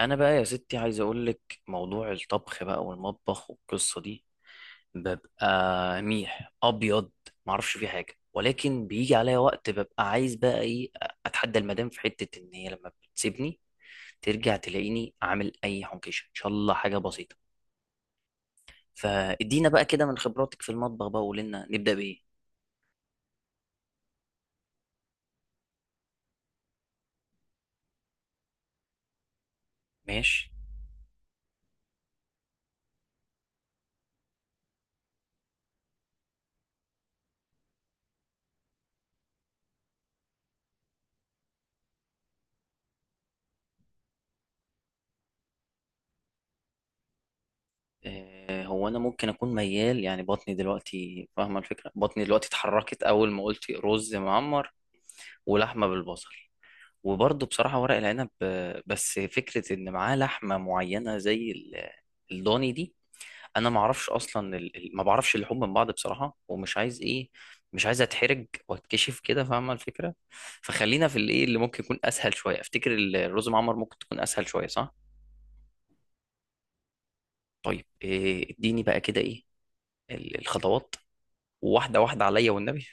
انا بقى يا ستي عايز اقول لك موضوع الطبخ بقى والمطبخ والقصه دي ببقى ميح ابيض. ما اعرفش فيه حاجه، ولكن بيجي عليا وقت ببقى عايز بقى ايه، اتحدى المدام في حته. ان هي لما بتسيبني ترجع تلاقيني عامل اي حنكشه، ان شاء الله حاجه بسيطه. فادينا بقى كده من خبراتك في المطبخ بقى وقولي لنا نبدا بايه. ماشي. هو انا ممكن اكون ميال، يعني بطني دلوقتي فاهمه الفكره، بطني دلوقتي اتحركت اول ما قلت رز معمر ولحمه بالبصل. وبرضه بصراحة ورق العنب بس فكرة إن معاه لحمة معينة زي الضاني دي. أنا ما أعرفش أصلا، ما بعرفش اللحوم من بعض بصراحة، ومش عايز إيه، مش عايز أتحرج وأتكشف كده، فاهمة الفكرة؟ فخلينا في الإيه اللي ممكن يكون أسهل شوية. أفتكر الرز معمر ممكن تكون أسهل شوية، صح؟ طيب إيه، إديني بقى كده إيه الخطوات واحدة واحدة عليا والنبي.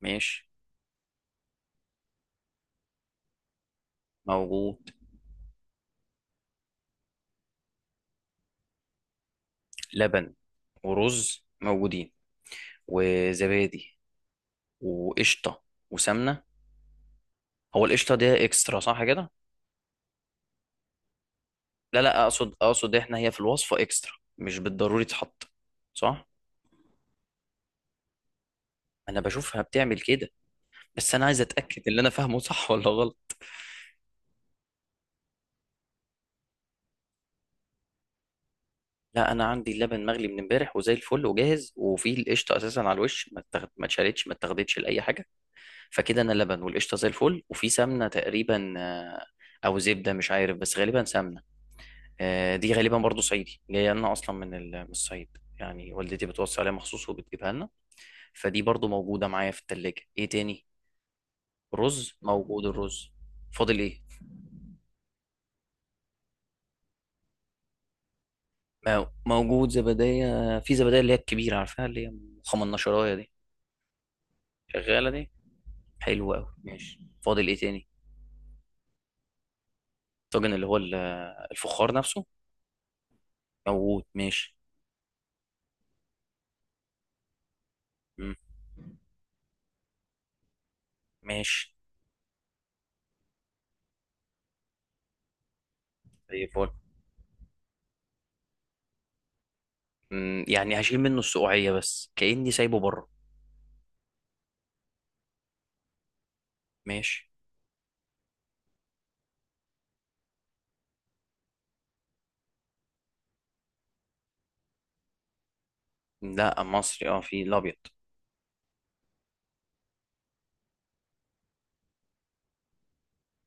ماشي، موجود. لبن ورز موجودين، وزبادي وقشطة وسمنة. هو القشطة دي اكسترا صح كده؟ لا لا، اقصد احنا هي في الوصفة اكسترا، مش بالضروري تتحط، صح؟ انا بشوفها بتعمل كده. بس انا عايز اتاكد اللي انا فاهمه صح ولا غلط. لا انا عندي اللبن مغلي من امبارح وزي الفل وجاهز، وفي القشطه اساسا على الوش، ما اتشالتش، ما اتاخدتش لاي حاجه. فكده انا لبن والقشطه زي الفل، وفي سمنه تقريبا او زبده مش عارف، بس غالبا سمنه. دي غالبا برضو صعيدي، جايه لنا اصلا من من الصعيد، يعني والدتي بتوصي عليها مخصوص وبتجيبها لنا. فدي برضو موجودة معايا في التلاجة. ايه تاني؟ رز موجود الرز. فاضل ايه؟ موجود زبدية. في زبدية اللي هي الكبيرة، عارفها؟ اللي هي خمناشراية دي، شغالة دي، حلوة أوي. ماشي، فاضل ايه تاني؟ الطاجن اللي هو الفخار نفسه، موجود. ماشي. مم. ماشي، زي الفل. مم، يعني هشيل منه السقوعية، بس كأني سايبه بره. ماشي. لا مصري، اه في الأبيض.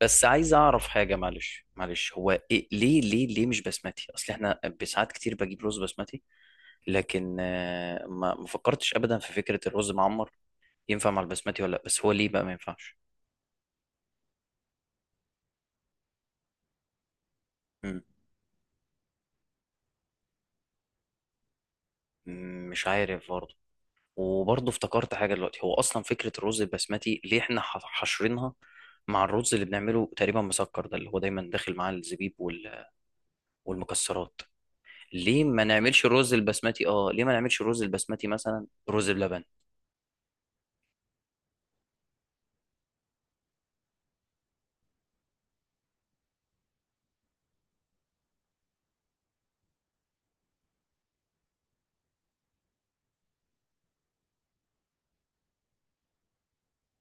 بس عايز اعرف حاجه، معلش معلش، هو إيه ليه ليه ليه مش بسمتي؟ اصل احنا بساعات كتير بجيب رز بسمتي، لكن ما فكرتش ابدا في فكره الرز معمر. ينفع مع البسمتي ولا لا؟ بس هو ليه بقى ما ينفعش؟ مم. مم، مش عارف برضه. وبرضه افتكرت حاجه دلوقتي، هو اصلا فكره الرز البسمتي ليه احنا حاشرينها مع الرز اللي بنعمله تقريبا مسكر، ده اللي هو دايما داخل معاه الزبيب والمكسرات. ليه ما نعملش الرز البسمتي؟ اه ليه ما نعملش الرز البسمتي مثلا رز بلبن؟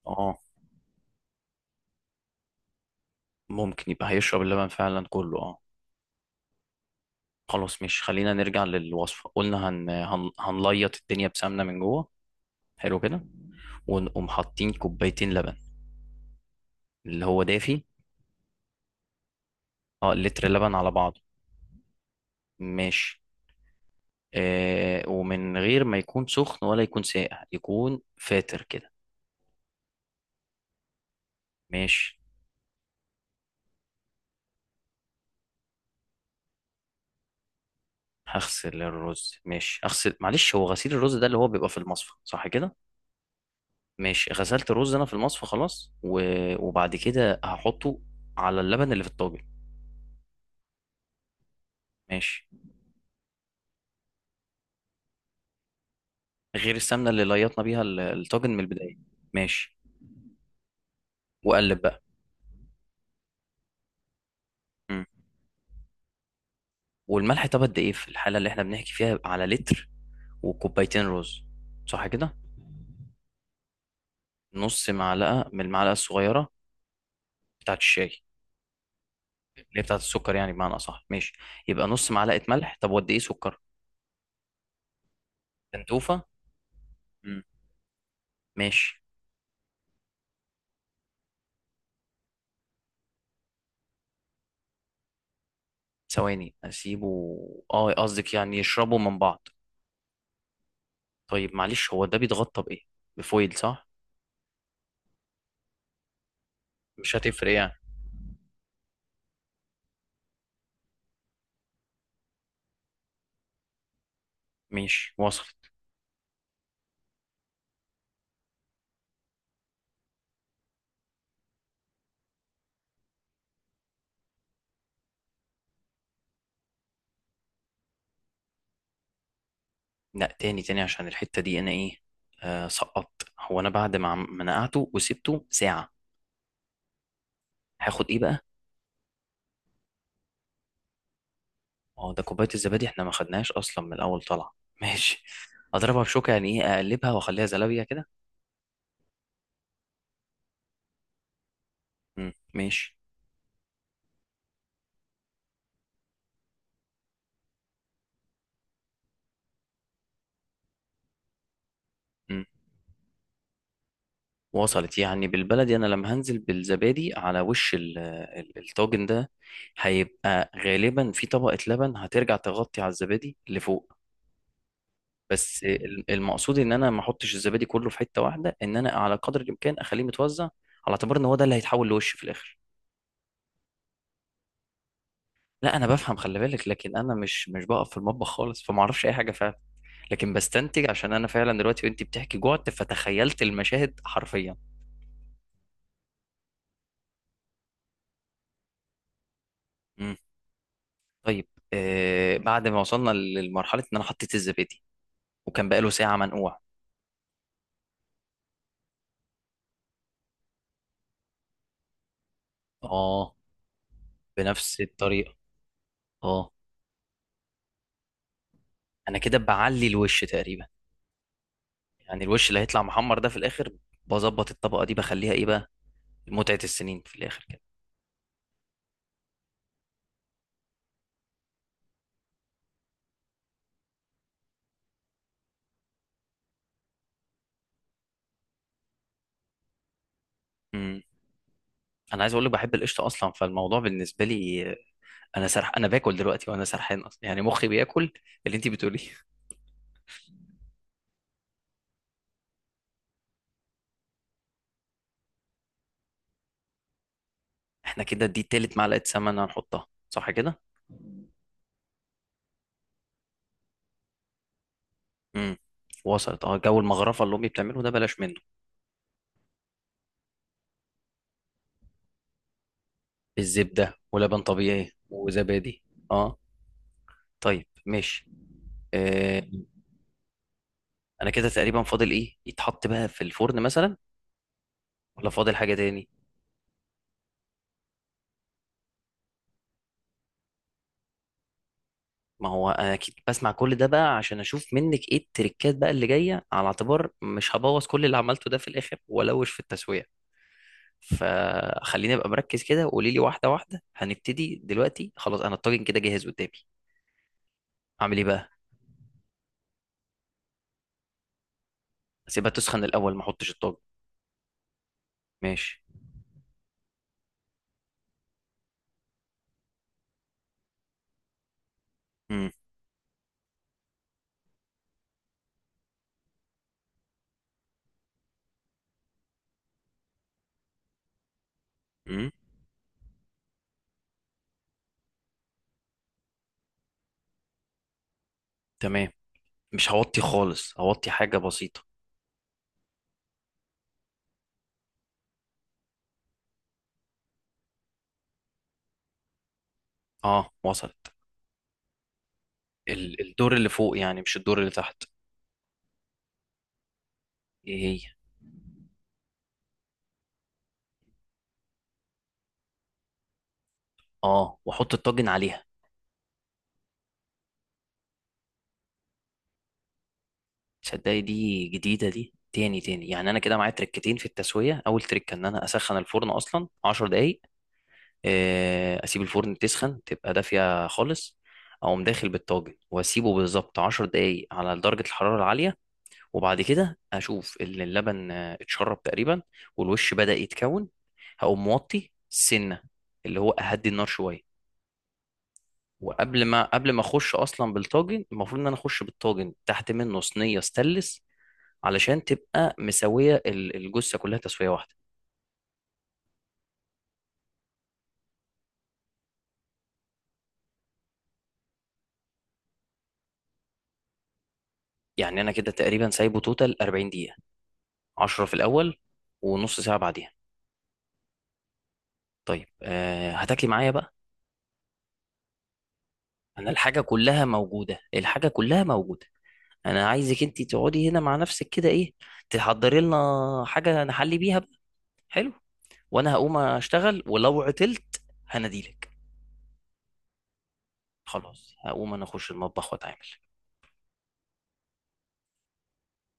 آه. ممكن يبقى هيشرب اللبن فعلا كله، اه. خلاص، مش خلينا نرجع للوصفة. قلنا هنليط الدنيا بسمنة من جوه، حلو كده. ونقوم حاطين كوبايتين لبن، اللي هو دافي. اه لتر لبن على بعضه. ماشي. آه ومن غير ما يكون سخن ولا يكون ساقع، يكون فاتر كده. ماشي. هغسل الرز. ماشي، اغسل. معلش، هو غسيل الرز ده اللي هو بيبقى في المصفى، صح كده؟ ماشي. غسلت الرز انا في المصفى خلاص، و... وبعد كده هحطه على اللبن اللي في الطاجن. ماشي. غير السمنه اللي ليطنا بيها الطاجن من البدايه. ماشي. وقلب بقى. مم. والملح، طب قد ايه في الحاله اللي احنا بنحكي فيها على لتر وكوبايتين رز، صح كده؟ نص معلقه من المعلقه الصغيره، بتاعه الشاي، اللي هي بتاعه السكر يعني، بمعنى اصح. ماشي، يبقى نص معلقه ملح. طب وقد ايه سكر؟ تنتوفه. مم. ماشي. ثواني، اسيبه. اه قصدك يعني يشربوا من بعض. طيب معلش، هو ده بيتغطى بايه؟ بفويل صح؟ مش هتفرق يعني. ماشي، وصل. لا تاني تاني، عشان الحتة دي انا ايه، آه سقطت. هو انا بعد ما ما نقعته وسبته ساعة هاخد ايه بقى؟ اه ده كوباية الزبادي احنا ما خدناهاش اصلا من الاول، طلع. ماشي. اضربها بشوكة يعني ايه؟ اقلبها واخليها زلابية كده؟ مم، ماشي. مم. وصلت، يعني بالبلدي انا لما هنزل بالزبادي على وش الطاجن ده، هيبقى غالبا في طبقة لبن هترجع تغطي على الزبادي لفوق. بس المقصود ان انا ما احطش الزبادي كله في حته واحده، ان انا على قدر الامكان اخليه متوزع، على اعتبار ان هو ده اللي هيتحول لوش في الاخر. لا انا بفهم، خلي بالك، لكن انا مش بقف في المطبخ خالص فما اعرفش اي حاجه فعلا. لكن بستنتج، عشان انا فعلا دلوقتي وانت بتحكي جوعت، فتخيلت المشاهد حرفيا. مم. طيب آه، بعد ما وصلنا للمرحله ان انا حطيت الزبادي وكان بقاله ساعه منقوع. اه، بنفس الطريقه. اه، انا كده بعلي الوش تقريبا. يعني الوش اللي هيطلع محمر ده في الاخر، بظبط الطبقه دي، بخليها ايه بقى، متعه السنين في الاخر كده. امم. انا عايز اقول لك، بحب القشطه اصلا فالموضوع بالنسبه لي انا سرح، انا باكل دلوقتي وانا سرحان اصلا، يعني مخي بياكل اللي انت بتقوليه. احنا كده دي تالت معلقه سمنه هنحطها، صح كده؟ امم، وصلت. اه جو المغرفه اللي امي بتعمله ده بلاش منه. الزبده ولبن طبيعي وزبادي. اه. طيب، ماشي. آه، انا كده تقريبا فاضل ايه؟ يتحط بقى في الفرن مثلا ولا فاضل حاجه تاني؟ ما هو انا اكيد بسمع كل ده بقى عشان اشوف منك ايه التريكات بقى اللي جايه، على اعتبار مش هبوظ كل اللي عملته ده في الاخر والوش في التسويق. فخليني ابقى مركز كده وقولي لي واحده واحده. هنبتدي دلوقتي خلاص، انا الطاجن كده جاهز قدامي، اعمل ايه بقى؟ اسيبها تسخن الاول ما احطش الطاجن. ماشي. امم. امم. تمام. مش هوطي خالص، هوطي حاجه بسيطه. اه وصلت. الدور اللي فوق يعني مش الدور اللي تحت. ايه هي؟ اه، واحط الطاجن عليها. تصدقي دي جديدة. دي تاني تاني يعني، أنا كده معايا تركتين في التسوية. أول تركة إن أنا أسخن الفرن أصلا عشر دقايق، أسيب الفرن تسخن تبقى دافية خالص، أقوم داخل بالطاجن وأسيبه بالظبط عشر دقايق على درجة الحرارة العالية، وبعد كده أشوف إن اللبن اتشرب تقريبا والوش بدأ يتكون، هقوم موطي سنة، اللي هو أهدي النار شوية. وقبل ما اخش اصلا بالطاجن، المفروض ان انا اخش بالطاجن تحت منه صينيه ستانلس، علشان تبقى مسويه الجثه كلها تسويه واحده. يعني انا كده تقريبا سايبه توتال 40 دقيقه، 10 في الاول ونص ساعه بعديها. طيب أه، هتاكلي معايا بقى؟ انا الحاجه كلها موجوده، الحاجه كلها موجوده. انا عايزك انت تقعدي هنا مع نفسك كده، ايه، تحضري لنا حاجه نحلي بيها بقى، حلو. وانا هقوم اشتغل، ولو عطلت هناديلك. خلاص هقوم انا اخش المطبخ واتعامل